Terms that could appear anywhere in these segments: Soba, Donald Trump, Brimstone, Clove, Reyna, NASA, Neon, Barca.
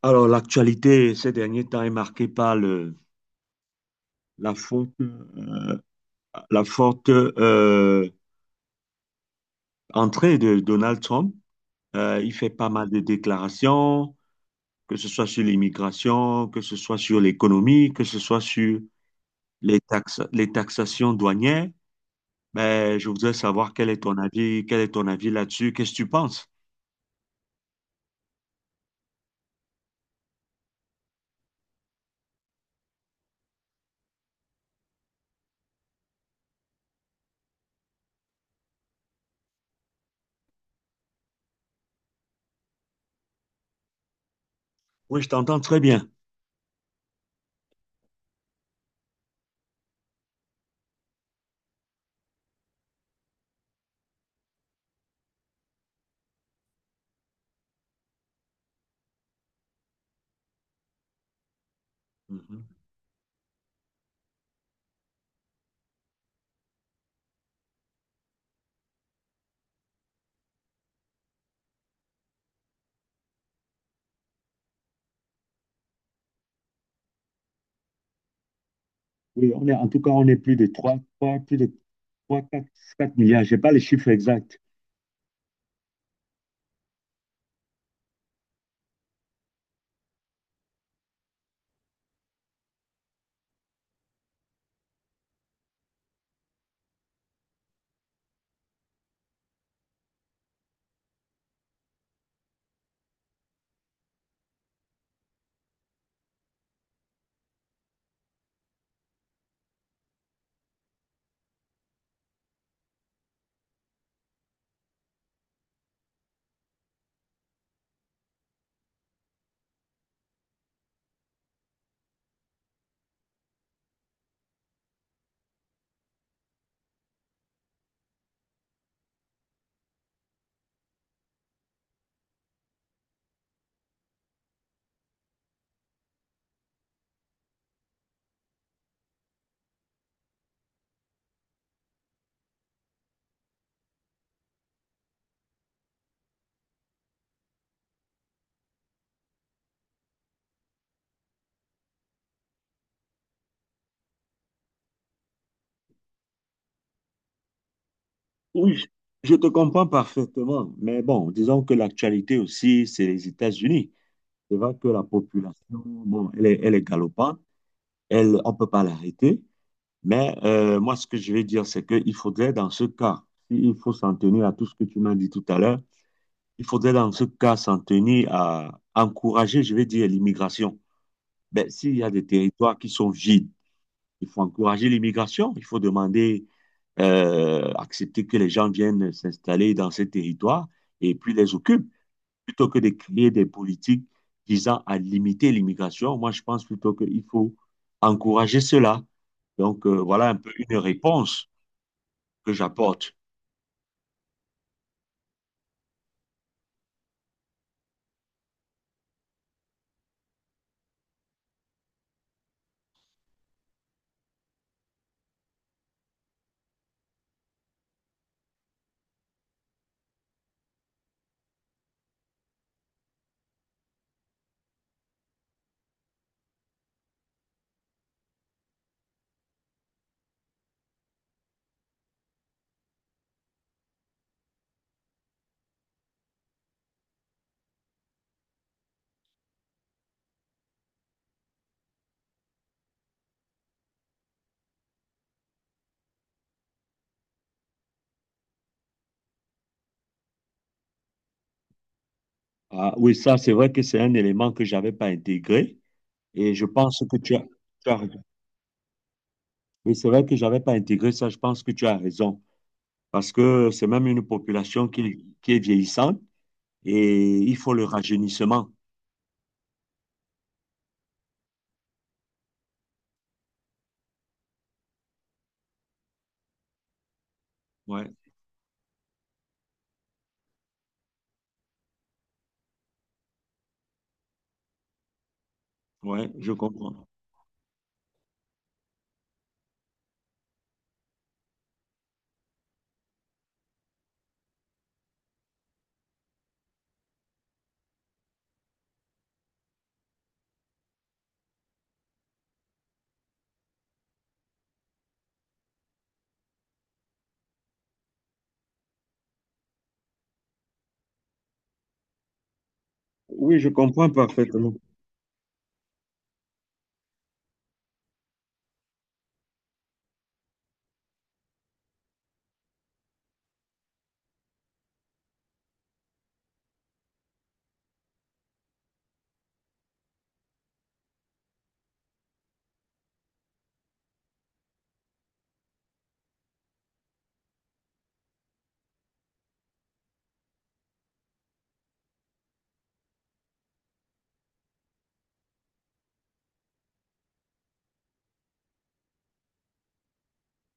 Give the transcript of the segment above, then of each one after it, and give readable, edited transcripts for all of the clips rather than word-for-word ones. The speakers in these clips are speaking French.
Alors, l'actualité ces derniers temps est marquée par la forte, la forte entrée de Donald Trump. Il fait pas mal de déclarations, que ce soit sur l'immigration, que ce soit sur l'économie, que ce soit sur les taxations douanières. Mais je voudrais savoir quel est ton avis là-dessus, qu'est-ce que tu penses? Oui, je t'entends très bien. Mhm. Oui, on est, en tout cas, on est plus de trois 4 4 milliards. Je n'ai pas les chiffres exacts. Oui, je te comprends parfaitement, mais bon, disons que l'actualité aussi, c'est les États-Unis. C'est vrai que la population, bon, elle est galopante, elle, on ne peut pas l'arrêter, mais moi, ce que je vais dire, c'est qu'il faudrait, dans ce cas, si il faut s'en tenir à tout ce que tu m'as dit tout à l'heure, il faudrait, dans ce cas, s'en tenir à encourager, je vais dire, l'immigration. Ben, s'il y a des territoires qui sont vides, il faut encourager l'immigration. Il faut demander, accepter que les gens viennent s'installer dans ces territoires et puis les occupent, plutôt que de créer des politiques visant à limiter l'immigration. Moi, je pense plutôt qu'il faut encourager cela. Donc, voilà un peu une réponse que j'apporte. Ah, oui, ça, c'est vrai que c'est un élément que je n'avais pas intégré et je pense que tu as raison. Oui, c'est vrai que je n'avais pas intégré ça. Je pense que tu as raison parce que c'est même une population qui est vieillissante et il faut le rajeunissement. Ouais, ouais, je comprends. Oui, je comprends parfaitement.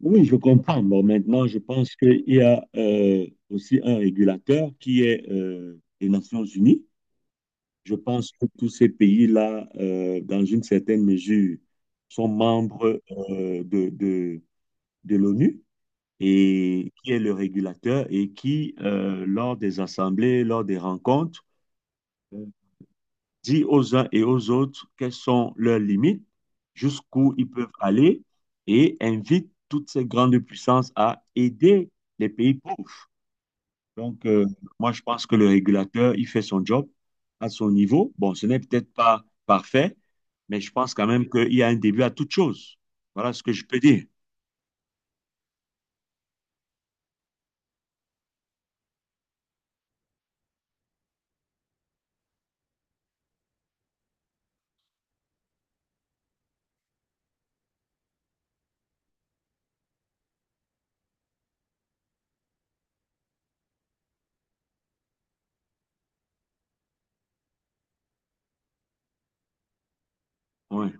Oui, je comprends. Bon, maintenant, je pense qu'il y a aussi un régulateur qui est les Nations Unies. Je pense que tous ces pays-là, dans une certaine mesure, sont membres de l'ONU et qui est le régulateur et qui, lors des assemblées, lors des rencontres, euh, dit aux uns et aux autres quelles sont leurs limites, jusqu'où ils peuvent aller et invite toutes ces grandes puissances à aider les pays pauvres. Donc, moi, je pense que le régulateur, il fait son job à son niveau. Bon, ce n'est peut-être pas parfait, mais je pense quand même qu'il y a un début à toute chose. Voilà ce que je peux dire. Ouais.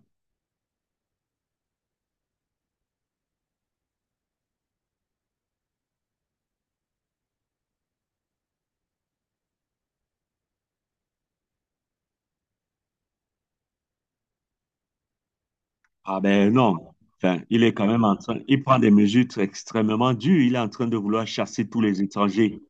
Ah ben non. Enfin, il est quand même en train, il prend des mesures extrêmement dures. Il est en train de vouloir chasser tous les étrangers.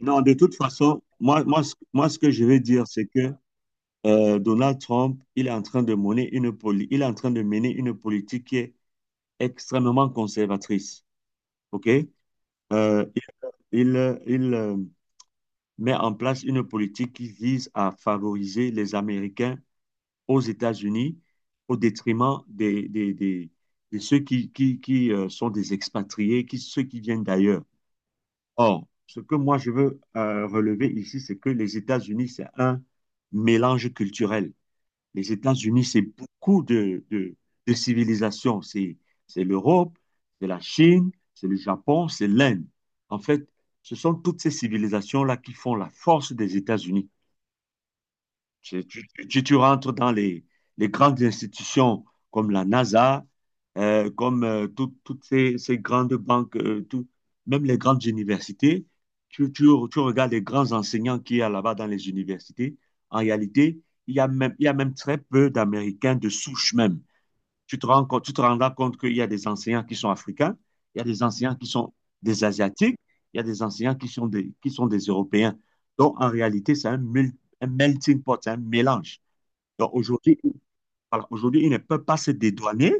Non, de toute façon, moi ce que je veux dire, c'est que Donald Trump, il est en train de mener une politique qui est extrêmement conservatrice. OK? Euh, il, il met en place une politique qui vise à favoriser les Américains aux États-Unis au détriment de ceux qui sont des expatriés, ceux qui viennent d'ailleurs. Or, ce que moi je veux relever ici, c'est que les États-Unis, c'est un mélange culturel. Les États-Unis, c'est beaucoup de civilisations. C'est l'Europe, c'est la Chine, c'est le Japon, c'est l'Inde. En fait, ce sont toutes ces civilisations-là qui font la force des États-Unis. Tu rentres dans les grandes institutions comme la NASA, comme toutes ces grandes banques, même les grandes universités. Tu, tu- tu regardes les grands enseignants qu'il y a là-bas dans les universités. En réalité, il y a même très peu d'Américains de souche même tu te rendras compte qu'il y a des enseignants qui sont africains, il y a des enseignants qui sont des Asiatiques, il y a des enseignants qui sont des Européens. Donc, en réalité, c'est un melting pot, c'est un mélange. Donc, aujourd'hui, voilà, aujourd'hui, ils ne peuvent pas se dédouaner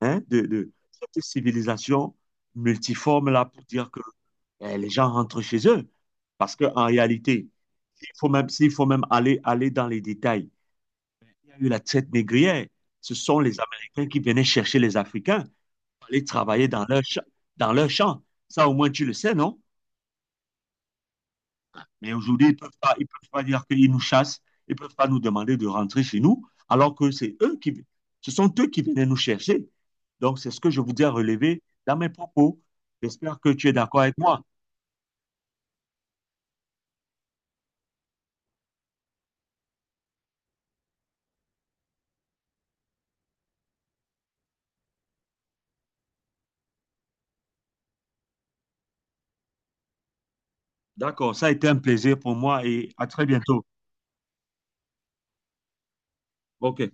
hein, cette civilisation multiforme-là pour dire que les gens rentrent chez eux. Parce qu'en réalité, s'il faut même aller dans les détails, il y a eu la traite négrière. Ce sont les Américains qui venaient chercher les Africains aller travailler dans dans leur champ. Ça, au moins, tu le sais, non? Mais aujourd'hui, ils peuvent pas dire qu'ils nous chassent. Ils ne peuvent pas nous demander de rentrer chez nous, alors que ce sont eux qui venaient nous chercher. Donc, c'est ce que je voudrais relever dans mes propos. J'espère que tu es d'accord avec moi. D'accord, ça a été un plaisir pour moi et à très bientôt. OK.